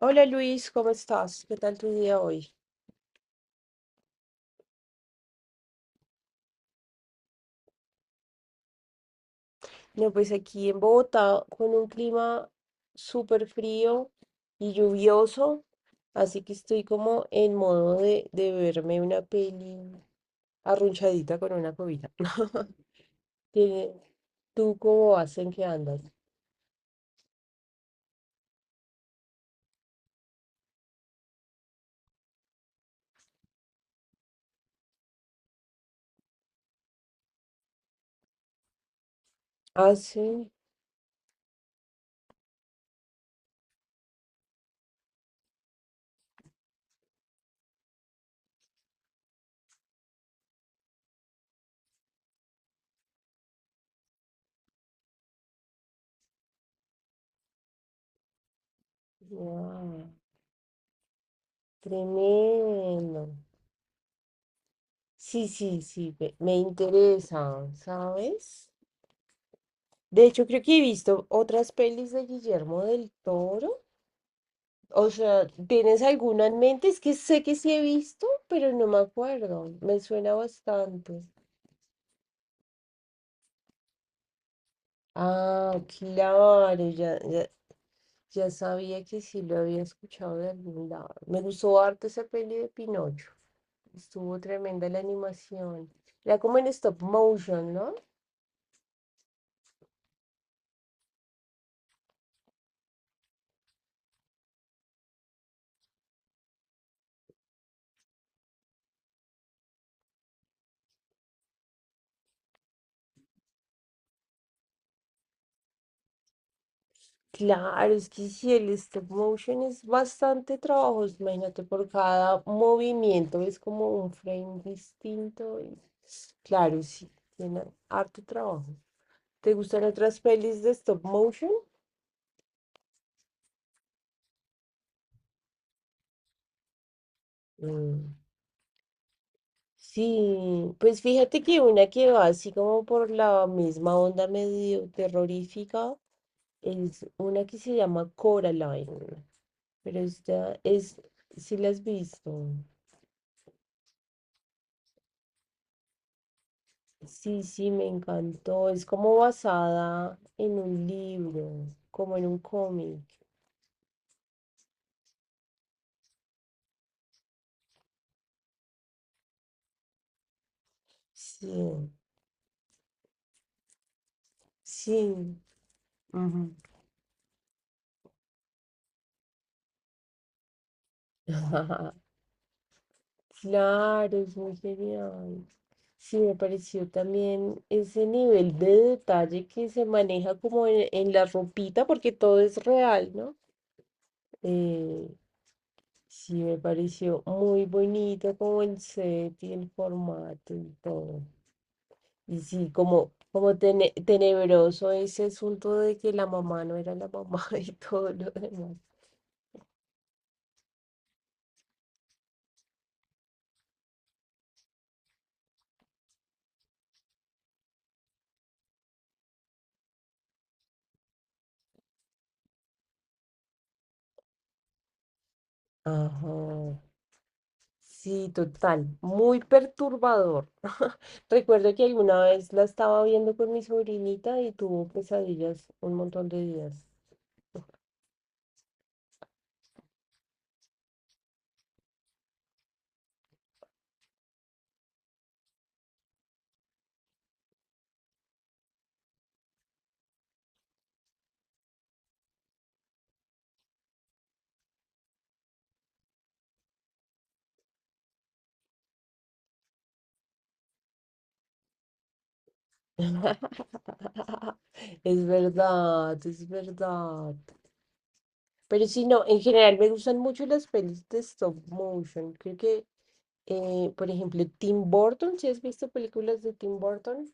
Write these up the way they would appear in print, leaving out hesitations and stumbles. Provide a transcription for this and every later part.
Hola Luis, ¿cómo estás? ¿Qué tal tu día hoy? No, pues aquí en Bogotá con un clima súper frío y lluvioso, así que estoy como en modo de verme una peli arrunchadita con una cobija. ¿Qué- ¿Tú cómo vas? ¿En qué andas? Ah, sí. Guau, tremendo. Sí, sí, sí, me interesa, ¿sabes? De hecho, creo que he visto otras pelis de Guillermo del Toro. O sea, ¿tienes alguna en mente? Es que sé que sí he visto, pero no me acuerdo. Me suena bastante. Ah, claro, ya, ya, ya sabía que sí lo había escuchado de algún lado. Me gustó harto esa peli de Pinocho. Estuvo tremenda la animación. Era como en stop motion, ¿no? Claro, es que si el stop motion es bastante trabajoso, imagínate, por cada movimiento es como un frame distinto. Claro, sí, tiene harto trabajo. ¿Te gustan otras pelis de stop motion? Mm, Sí, pues fíjate que una que va así como por la misma onda medio terrorífica es una que se llama Coraline, pero esta es, si la has visto. Sí, sí, me encantó. Es como basada en un libro, como en un cómic. Sí, sí. Ujú. Claro, es muy genial. Sí, me pareció también ese nivel de detalle que se maneja como en la ropita, porque todo es real, ¿no? Eh, sí, me pareció muy bonito como el set y el formato y todo. Y sí, como, como tenebroso ese asunto de que la mamá no era la mamá y todo lo demás. Ajá. Sí, total. Muy perturbador. Recuerdo que alguna vez la estaba viendo con mi sobrinita y tuvo pesadillas un montón de días. Es verdad, es verdad. Pero sí, no, en general me gustan mucho las pelis de stop motion. Creo que por ejemplo, Tim Burton, ¿si has visto películas de Tim Burton?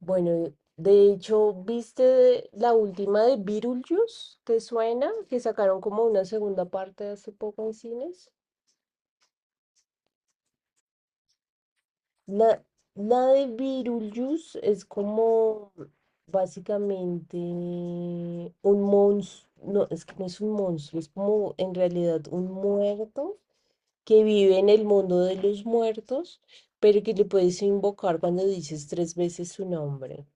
Bueno, de hecho, ¿viste la última de Beetlejuice? ¿Te suena? Que sacaron como una segunda parte hace poco en cines. La, la de Beetlejuice es como básicamente un monstruo, no, es que no es un monstruo, es como en realidad un muerto que vive en el mundo de los muertos, pero que le puedes invocar cuando dices tres veces su nombre.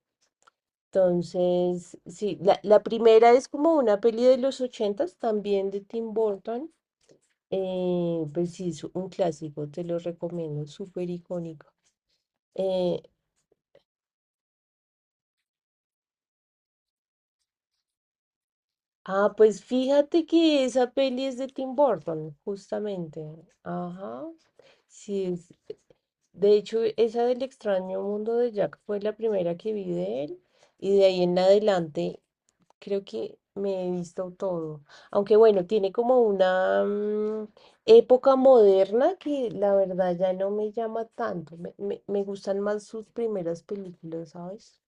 Entonces, sí, la primera es como una peli de los ochentas, también de Tim Burton. Pues sí, es un clásico, te lo recomiendo, súper icónico. Eh, ah, pues fíjate que esa peli es de Tim Burton, justamente. Ajá, sí, de hecho, esa del extraño mundo de Jack fue la primera que vi de él y de ahí en adelante creo que me he visto todo. Aunque bueno, tiene como una época moderna que la verdad ya no me llama tanto. Me gustan más sus primeras películas, ¿sabes?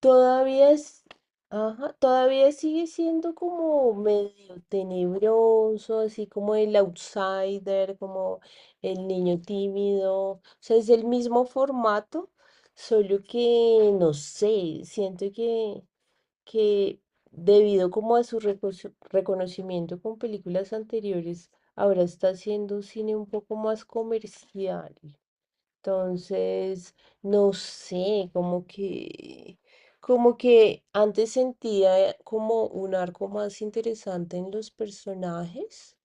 Todavía es, ajá, todavía sigue siendo como medio tenebroso, así como el outsider, como el niño tímido. O sea, es el mismo formato, solo que no sé, siento que debido como a su reconocimiento con películas anteriores, ahora está haciendo un cine un poco más comercial. Entonces, no sé, como que antes sentía como un arco más interesante en los personajes.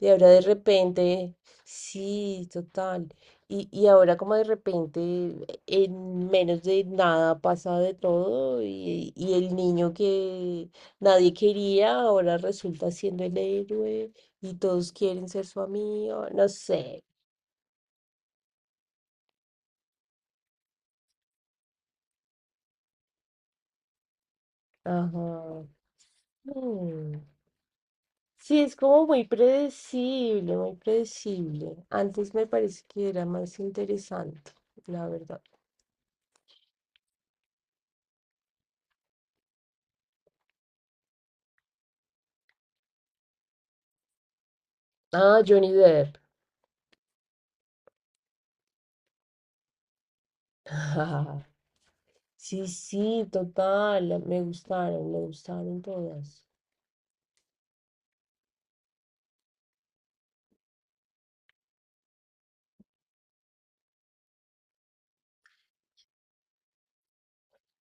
Y ahora de repente, sí, total. Y ahora como de repente, en menos de nada pasa de todo y el niño que nadie quería ahora resulta siendo el héroe y todos quieren ser su amigo, no sé. Ajá. Mm. Sí, es como muy predecible, muy predecible. Antes me parece que era más interesante, la verdad. Ah, Johnny Depp. Sí, sí, total. Me gustaron todas.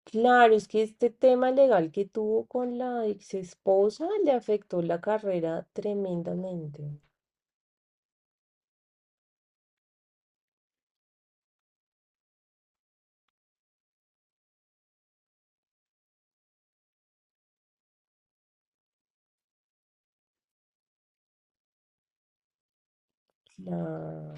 Claro, es que este tema legal que tuvo con la ex esposa le afectó la carrera tremendamente. Claro,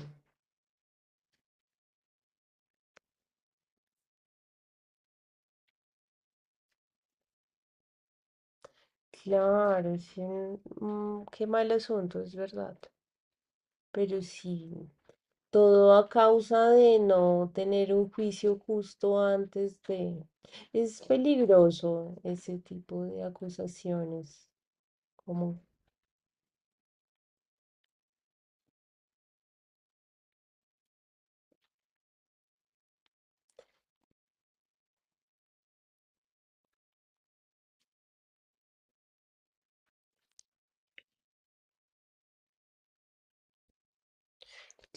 claro, sí, qué mal asunto, es verdad. Pero sí. Todo a causa de no tener un juicio justo antes de... Es peligroso ese tipo de acusaciones. Como,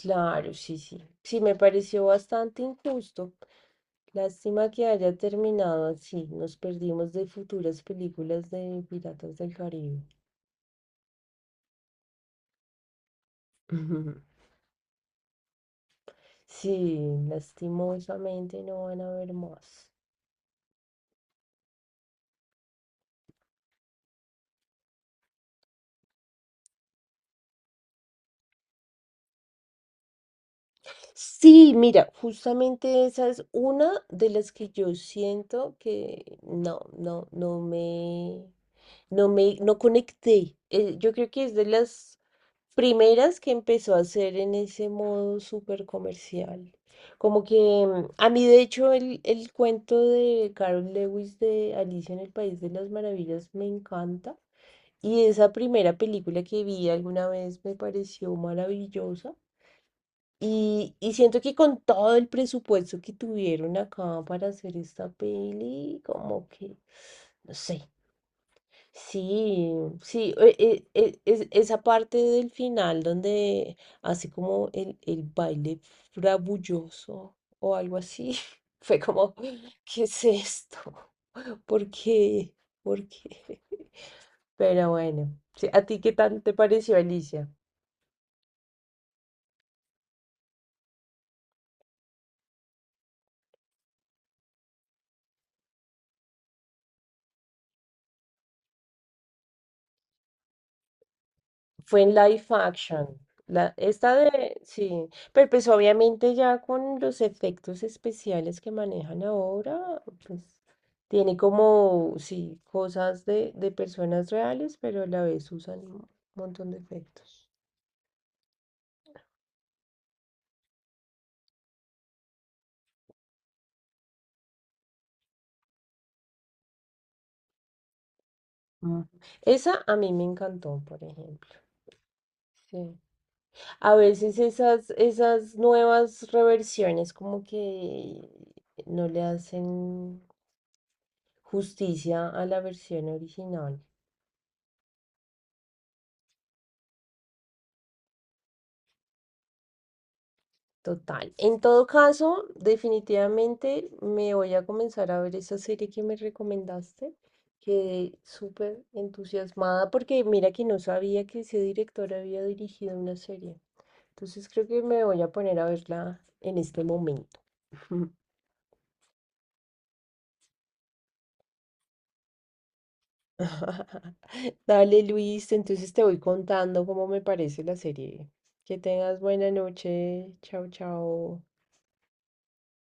claro, sí, sí. Sí, me pareció bastante injusto. Lástima que haya terminado así. Nos perdimos de futuras películas de Piratas del Caribe. Sí, lastimosamente no van a ver más. Sí, mira, justamente esa es una de las que yo siento que no, no, no me, no conecté. Yo creo que es de las primeras que empezó a hacer en ese modo súper comercial. Como que a mí, de hecho, el cuento de Carol Lewis de Alicia en el País de las Maravillas me encanta. Y esa primera película que vi alguna vez me pareció maravillosa. Y siento que con todo el presupuesto que tuvieron acá para hacer esta peli, como que, no sé, sí, sí, esa parte del final donde hace como el baile frabulloso o algo así, fue como, ¿qué es esto? ¿Por qué? ¿Por qué? Pero bueno, sí, ¿a ti qué tal te pareció Alicia? Fue en live action. Esta de, sí, pero pues obviamente ya con los efectos especiales que manejan ahora, pues tiene como, sí, cosas de personas reales, pero a la vez usan un montón de efectos. Mm. Esa a mí me encantó, por ejemplo. Sí. A veces esas nuevas reversiones como que no le hacen justicia a la versión original. Total. En todo caso, definitivamente me voy a comenzar a ver esa serie que me recomendaste. Quedé súper entusiasmada porque mira que no sabía que ese director había dirigido una serie. Entonces creo que me voy a poner a verla en este momento. Dale, Luis, entonces te voy contando cómo me parece la serie. Que tengas buena noche. Chao, chao.